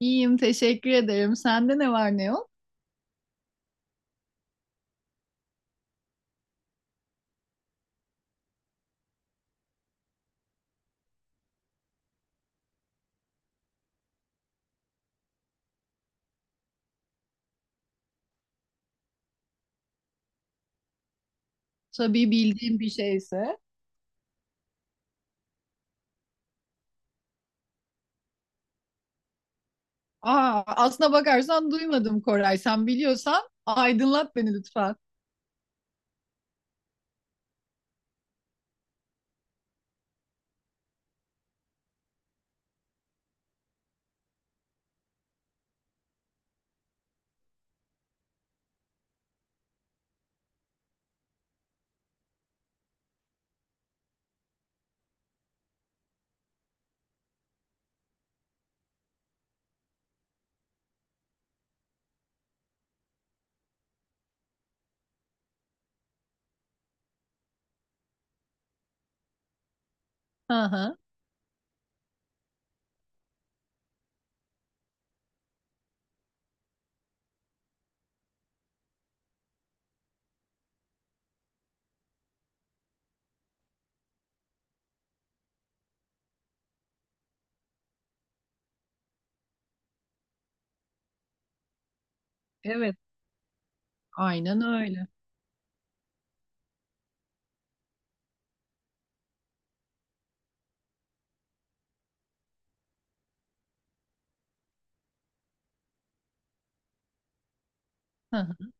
İyiyim, teşekkür ederim. Sende ne var ne yok? Tabii bildiğim bir şeyse. Aa, aslına bakarsan duymadım Koray. Sen biliyorsan aydınlat beni lütfen. Hı hı. Evet, aynen öyle. Hı hı.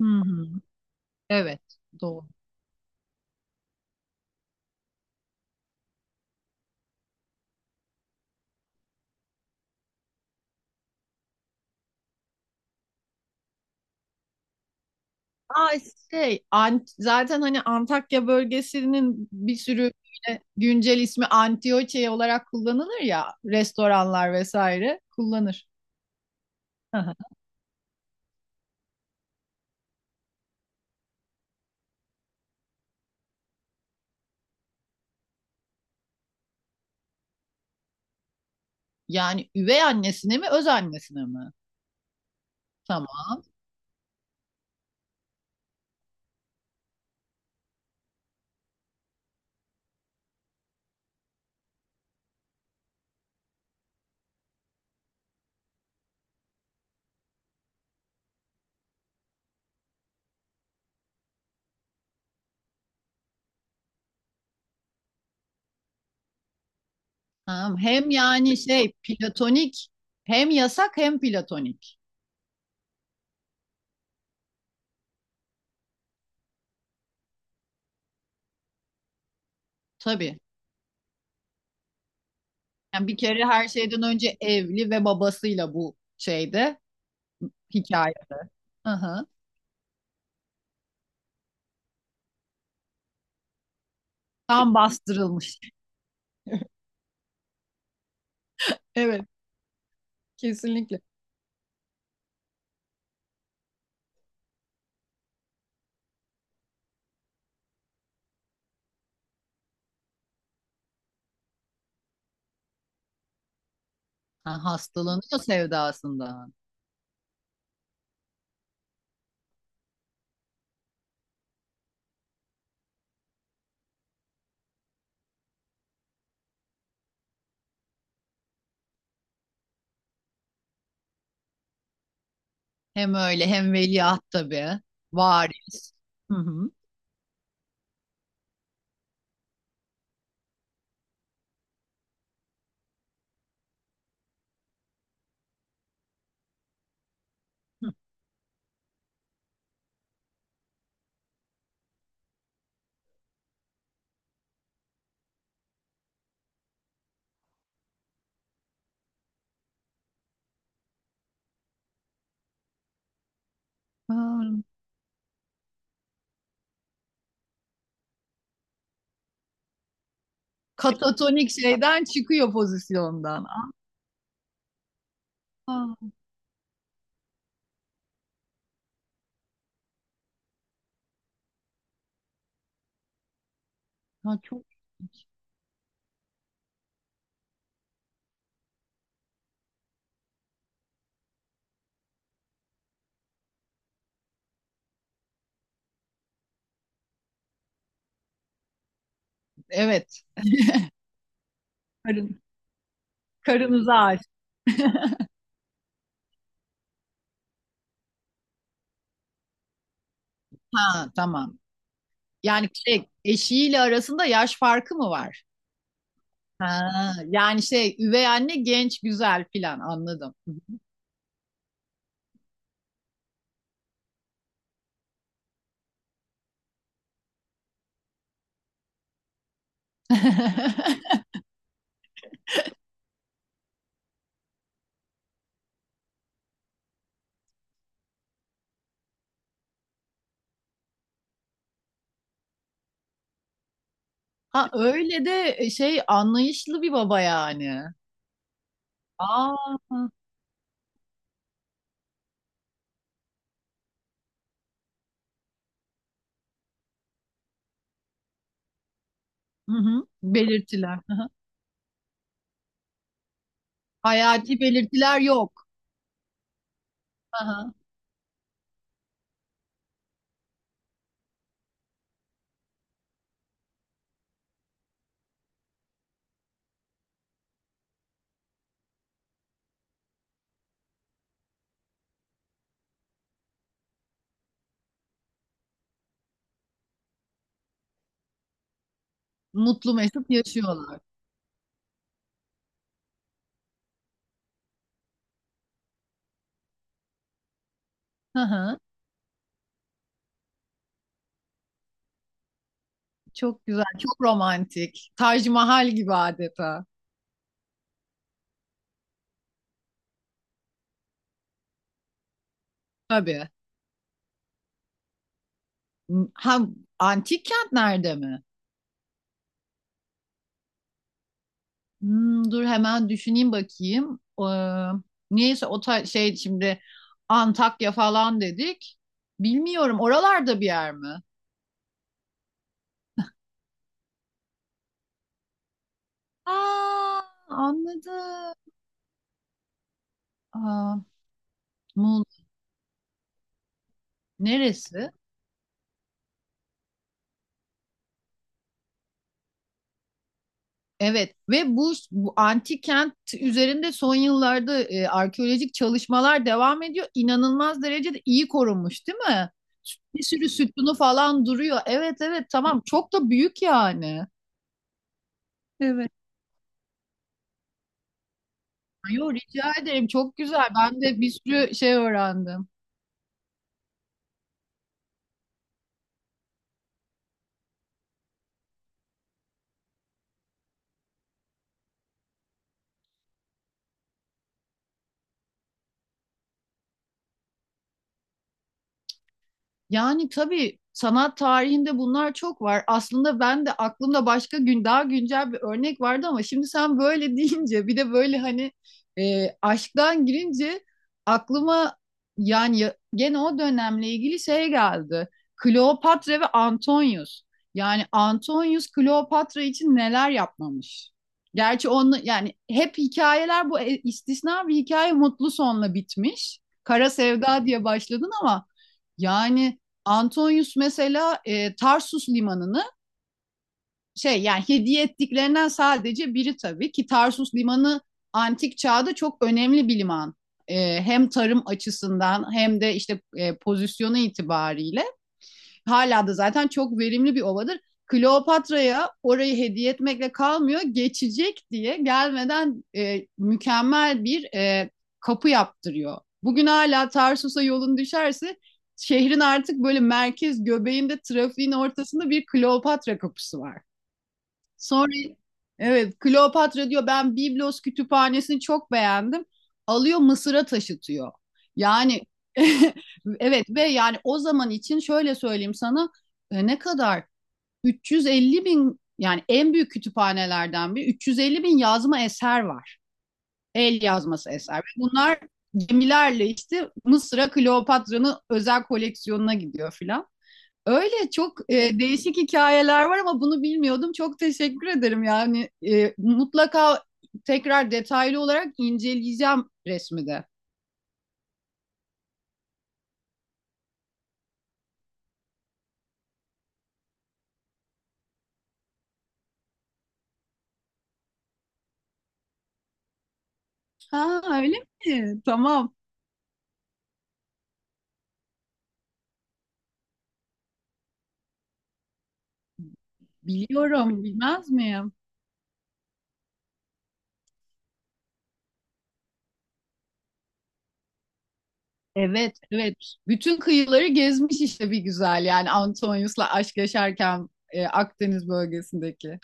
Hı hı. Evet, doğru. Aa, Ant zaten hani Antakya bölgesinin bir sürü böyle güncel ismi Antioçya olarak kullanılır ya, restoranlar vesaire kullanır. Hı hı. Yani üvey annesine mi, öz annesine mi? Tamam. Tamam. Hem yani şey platonik, hem yasak, hem platonik. Tabii. Yani bir kere her şeyden önce evli ve babasıyla bu şeyde hikaye. Hı hı. Tam bastırılmış. Evet, kesinlikle. Ha, hastalanıyor sevdasından. Hem öyle hem veliaht tabii. Varis. Hı hı. Ha, katatonik şeyden çıkıyor pozisyondan. Aa, ha, çok evet. Karın, karınıza aşık. Ha, tamam. Yani eşiyle arasında yaş farkı mı var? Ha, yani üvey anne genç güzel filan anladım. Ha öyle de anlayışlı bir baba yani. Aa, hı hı, belirtiler. Hı hı. Hayati belirtiler yok. Hı hı. Mutlu mesut yaşıyorlar. Hı hı. Çok güzel, çok romantik. Taj Mahal gibi adeta. Tabii. Ha, antik kent nerede mi? Dur hemen düşüneyim bakayım. Niyeyse o ta- şey şimdi Antakya falan dedik. Bilmiyorum oralarda bir yer mi? Aa, anladım. Aa, Muğla neresi? Evet ve bu antik kent üzerinde son yıllarda arkeolojik çalışmalar devam ediyor. İnanılmaz derecede iyi korunmuş, değil mi? Bir sürü sütunu falan duruyor. Evet, evet, tamam, çok da büyük yani. Yo rica ederim. Çok güzel. Ben de bir sürü şey öğrendim. Yani tabii sanat tarihinde bunlar çok var. Aslında ben de aklımda başka gün daha güncel bir örnek vardı ama şimdi sen böyle deyince bir de böyle hani aşktan girince aklıma yani gene o dönemle ilgili şey geldi. Kleopatra ve Antonius. Yani Antonius Kleopatra için neler yapmamış. Gerçi onu yani hep hikayeler, bu istisna bir hikaye, mutlu sonla bitmiş. Kara Sevda diye başladın ama yani Antonius mesela Tarsus limanını yani hediye ettiklerinden sadece biri, tabii ki Tarsus limanı antik çağda çok önemli bir liman. Hem tarım açısından hem de işte pozisyonu itibariyle. Hala da zaten çok verimli bir ovadır. Kleopatra'ya orayı hediye etmekle kalmıyor. Geçecek diye gelmeden mükemmel bir kapı yaptırıyor. Bugün hala Tarsus'a yolun düşerse şehrin artık böyle merkez göbeğinde, trafiğin ortasında bir Kleopatra kapısı var. Sonra, evet, Kleopatra diyor ben Biblos kütüphanesini çok beğendim. Alıyor Mısır'a taşıtıyor. Yani evet, ve yani o zaman için şöyle söyleyeyim sana, ne kadar 350 bin, yani en büyük kütüphanelerden bir, 350 bin yazma eser var. El yazması eser. Ve bunlar gemilerle işte Mısır'a Kleopatra'nın özel koleksiyonuna gidiyor filan. Öyle çok değişik hikayeler var ama bunu bilmiyordum. Çok teşekkür ederim. Yani mutlaka tekrar detaylı olarak inceleyeceğim resmi de. Ha öyle mi? Tamam. Biliyorum, bilmez miyim? Evet, evet. Bütün kıyıları gezmiş işte bir güzel, yani Antonius'la aşk yaşarken Akdeniz bölgesindeki.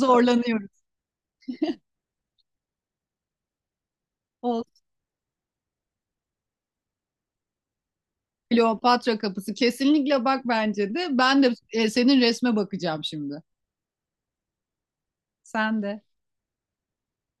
Zorlanıyoruz. Olsun. Kleopatra kapısı kesinlikle bak, bence de. Ben de senin resme bakacağım şimdi. Sen de.